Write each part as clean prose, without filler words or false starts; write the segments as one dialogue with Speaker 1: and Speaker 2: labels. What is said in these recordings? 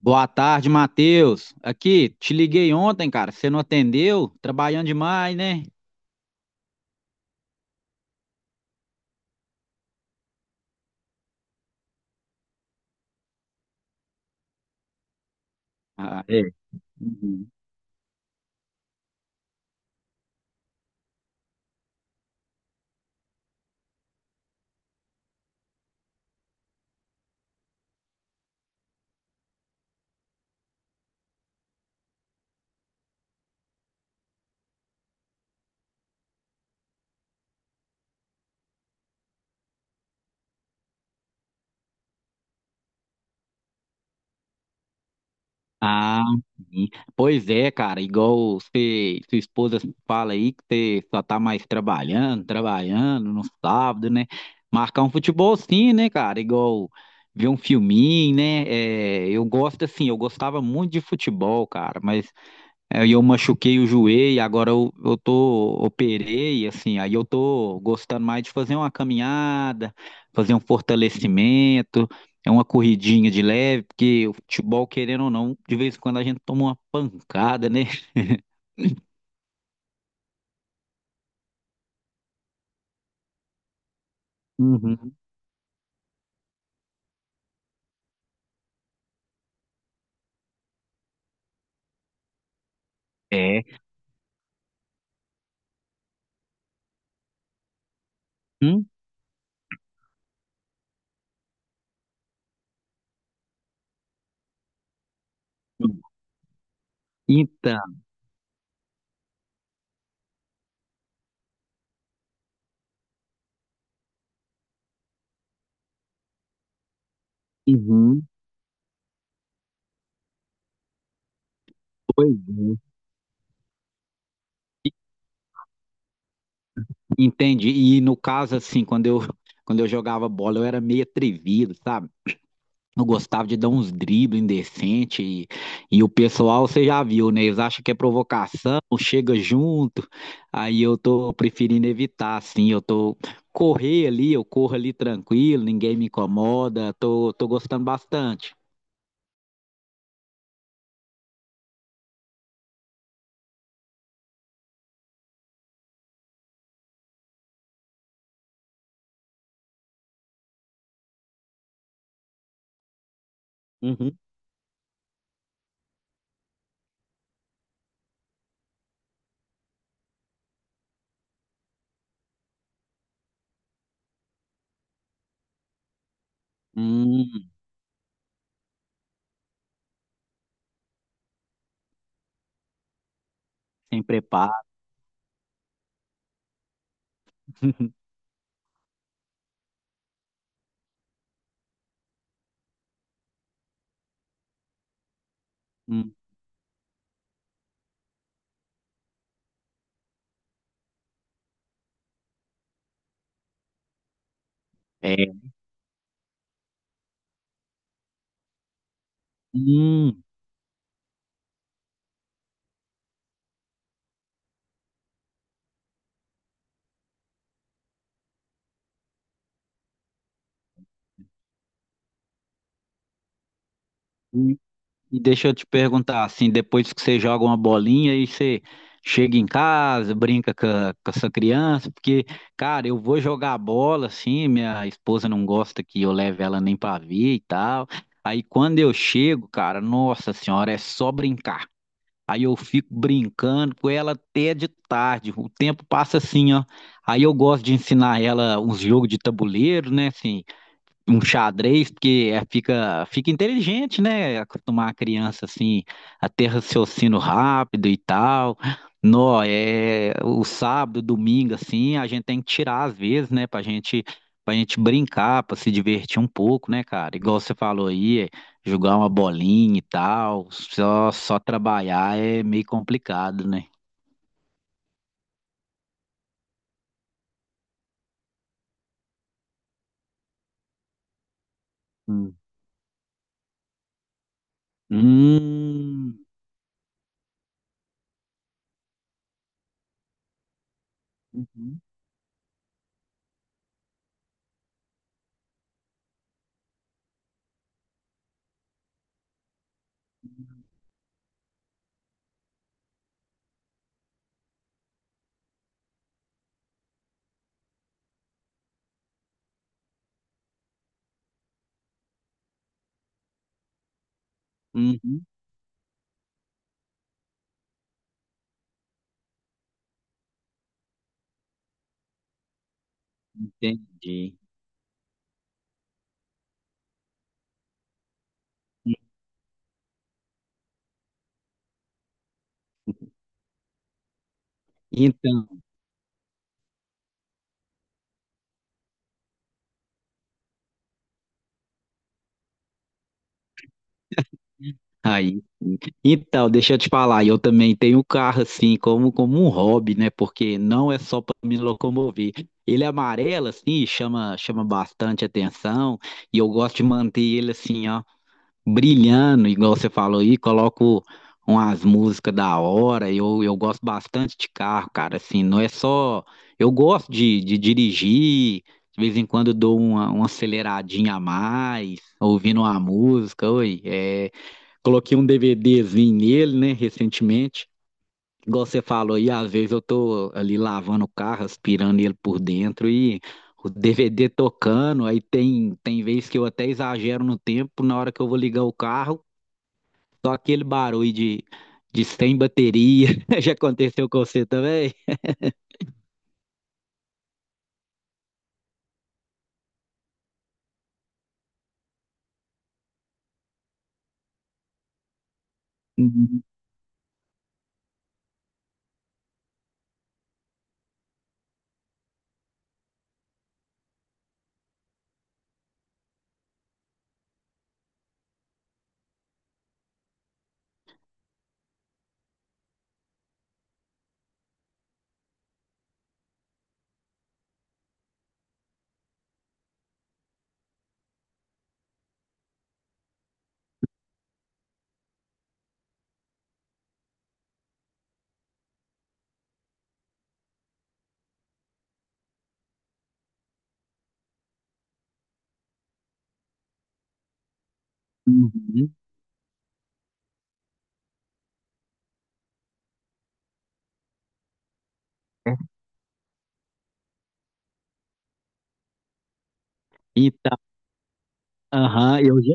Speaker 1: Boa tarde, Matheus. Aqui, te liguei ontem, cara. Você não atendeu? Trabalhando demais, né? Ah, é. Uhum. Ah, sim. Pois é, cara. Igual você, sua esposa fala aí que você só tá mais trabalhando, no sábado, né? Marcar um futebol sim, né, cara? Igual ver um filminho, né? É, eu gosto assim, eu gostava muito de futebol, cara, mas aí eu machuquei o joelho, agora eu tô, operei, assim, aí eu tô gostando mais de fazer uma caminhada, fazer um fortalecimento, é uma corridinha de leve, porque o futebol, querendo ou não, de vez em quando a gente toma uma pancada, né? Uhum. É. Hum? Então, uhum. Pois é. Entendi. E no caso, assim, quando eu jogava bola, eu era meio atrevido, sabe? Eu gostava de dar uns dribles indecentes e o pessoal, você já viu, né? Eles acham que é provocação, chega junto. Aí eu tô preferindo evitar, assim. Eu tô correr ali, eu corro ali tranquilo, ninguém me incomoda. Tô gostando bastante. Uhum. Hum, sem preparo. Hum, é. Hum. Hum. E deixa eu te perguntar, assim, depois que você joga uma bolinha e você chega em casa, brinca com a sua criança, porque, cara, eu vou jogar bola, assim, minha esposa não gosta que eu leve ela nem pra ver e tal. Aí quando eu chego, cara, nossa senhora, é só brincar. Aí eu fico brincando com ela até de tarde, o tempo passa assim, ó. Aí eu gosto de ensinar ela uns jogos de tabuleiro, né, assim, um xadrez, porque fica inteligente, né? Acostumar a criança assim a ter raciocínio rápido e tal. Nó, é o sábado, domingo, assim, a gente tem que tirar às vezes, né? Pra gente brincar, pra se divertir um pouco, né, cara? Igual você falou aí, é, jogar uma bolinha e tal. Só trabalhar é meio complicado, né? Hum. Hum. Uhum. Uhum. Entendi. Então. Aí, sim. Então, deixa eu te falar, eu também tenho um carro assim, como um hobby, né? Porque não é só para me locomover. Ele é amarelo, assim, chama bastante atenção, e eu gosto de manter ele assim, ó, brilhando, igual você falou aí, coloco umas músicas da hora, eu gosto bastante de carro, cara, assim, não é só. Eu gosto de dirigir, de vez em quando eu dou uma aceleradinha a mais, ouvindo uma música, oi, é. Coloquei um DVDzinho nele, né, recentemente. Igual você falou aí, às vezes eu tô ali lavando o carro, aspirando ele por dentro e o DVD tocando. Aí tem vezes que eu até exagero no tempo, na hora que eu vou ligar o carro, só aquele barulho de sem bateria. Já aconteceu com você também? Uhum. Uhum. Então, aham, eu já.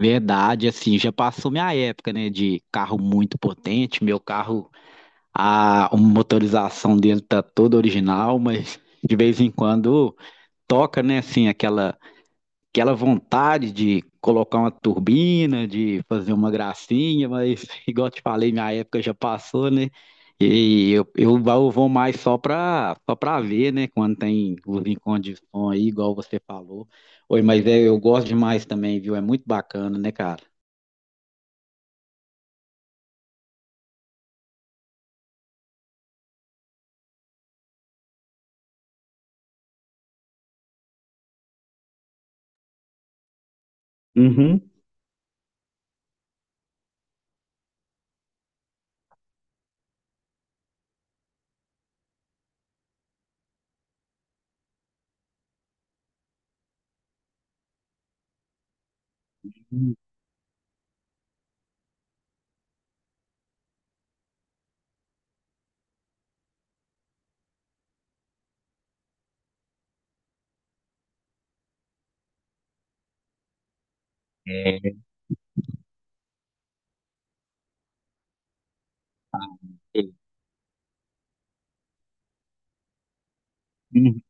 Speaker 1: Verdade, assim, já passou minha época, né, de carro muito potente. Meu carro, a motorização dele tá toda original, mas de vez em quando toca, né, assim, aquela, aquela vontade de colocar uma turbina, de fazer uma gracinha, mas igual eu te falei, minha época já passou, né? E eu vou mais só para ver, né? Quando tem os encontros de som aí, igual você falou. Oi, mas é, eu gosto demais também, viu? É muito bacana, né, cara? Uhum. É. Uhum.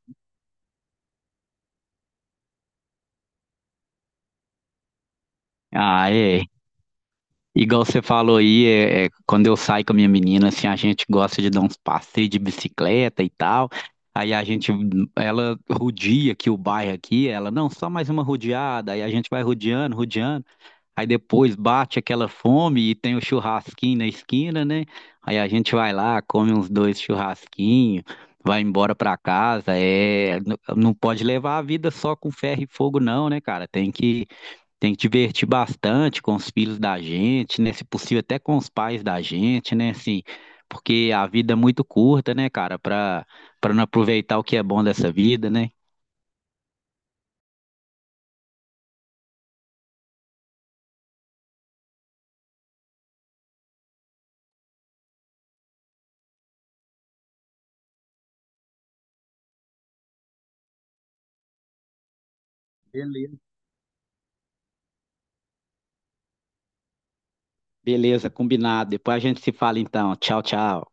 Speaker 1: Ah, é. Igual você falou aí, quando eu saio com a minha menina, assim, a gente gosta de dar uns passeios de bicicleta e tal. Aí a gente, ela rodia aqui o bairro aqui, ela, não, só mais uma rodeada. Aí a gente vai rodeando, rodeando. Aí depois bate aquela fome e tem o churrasquinho na esquina, né? Aí a gente vai lá, come uns dois churrasquinhos, vai embora pra casa. É, não pode levar a vida só com ferro e fogo, não, né, cara? Tem que divertir bastante com os filhos da gente, né? Se possível, até com os pais da gente, né? Assim, porque a vida é muito curta, né, cara? Para não aproveitar o que é bom dessa vida, né? Beleza. Beleza, combinado. Depois a gente se fala então. Tchau, tchau.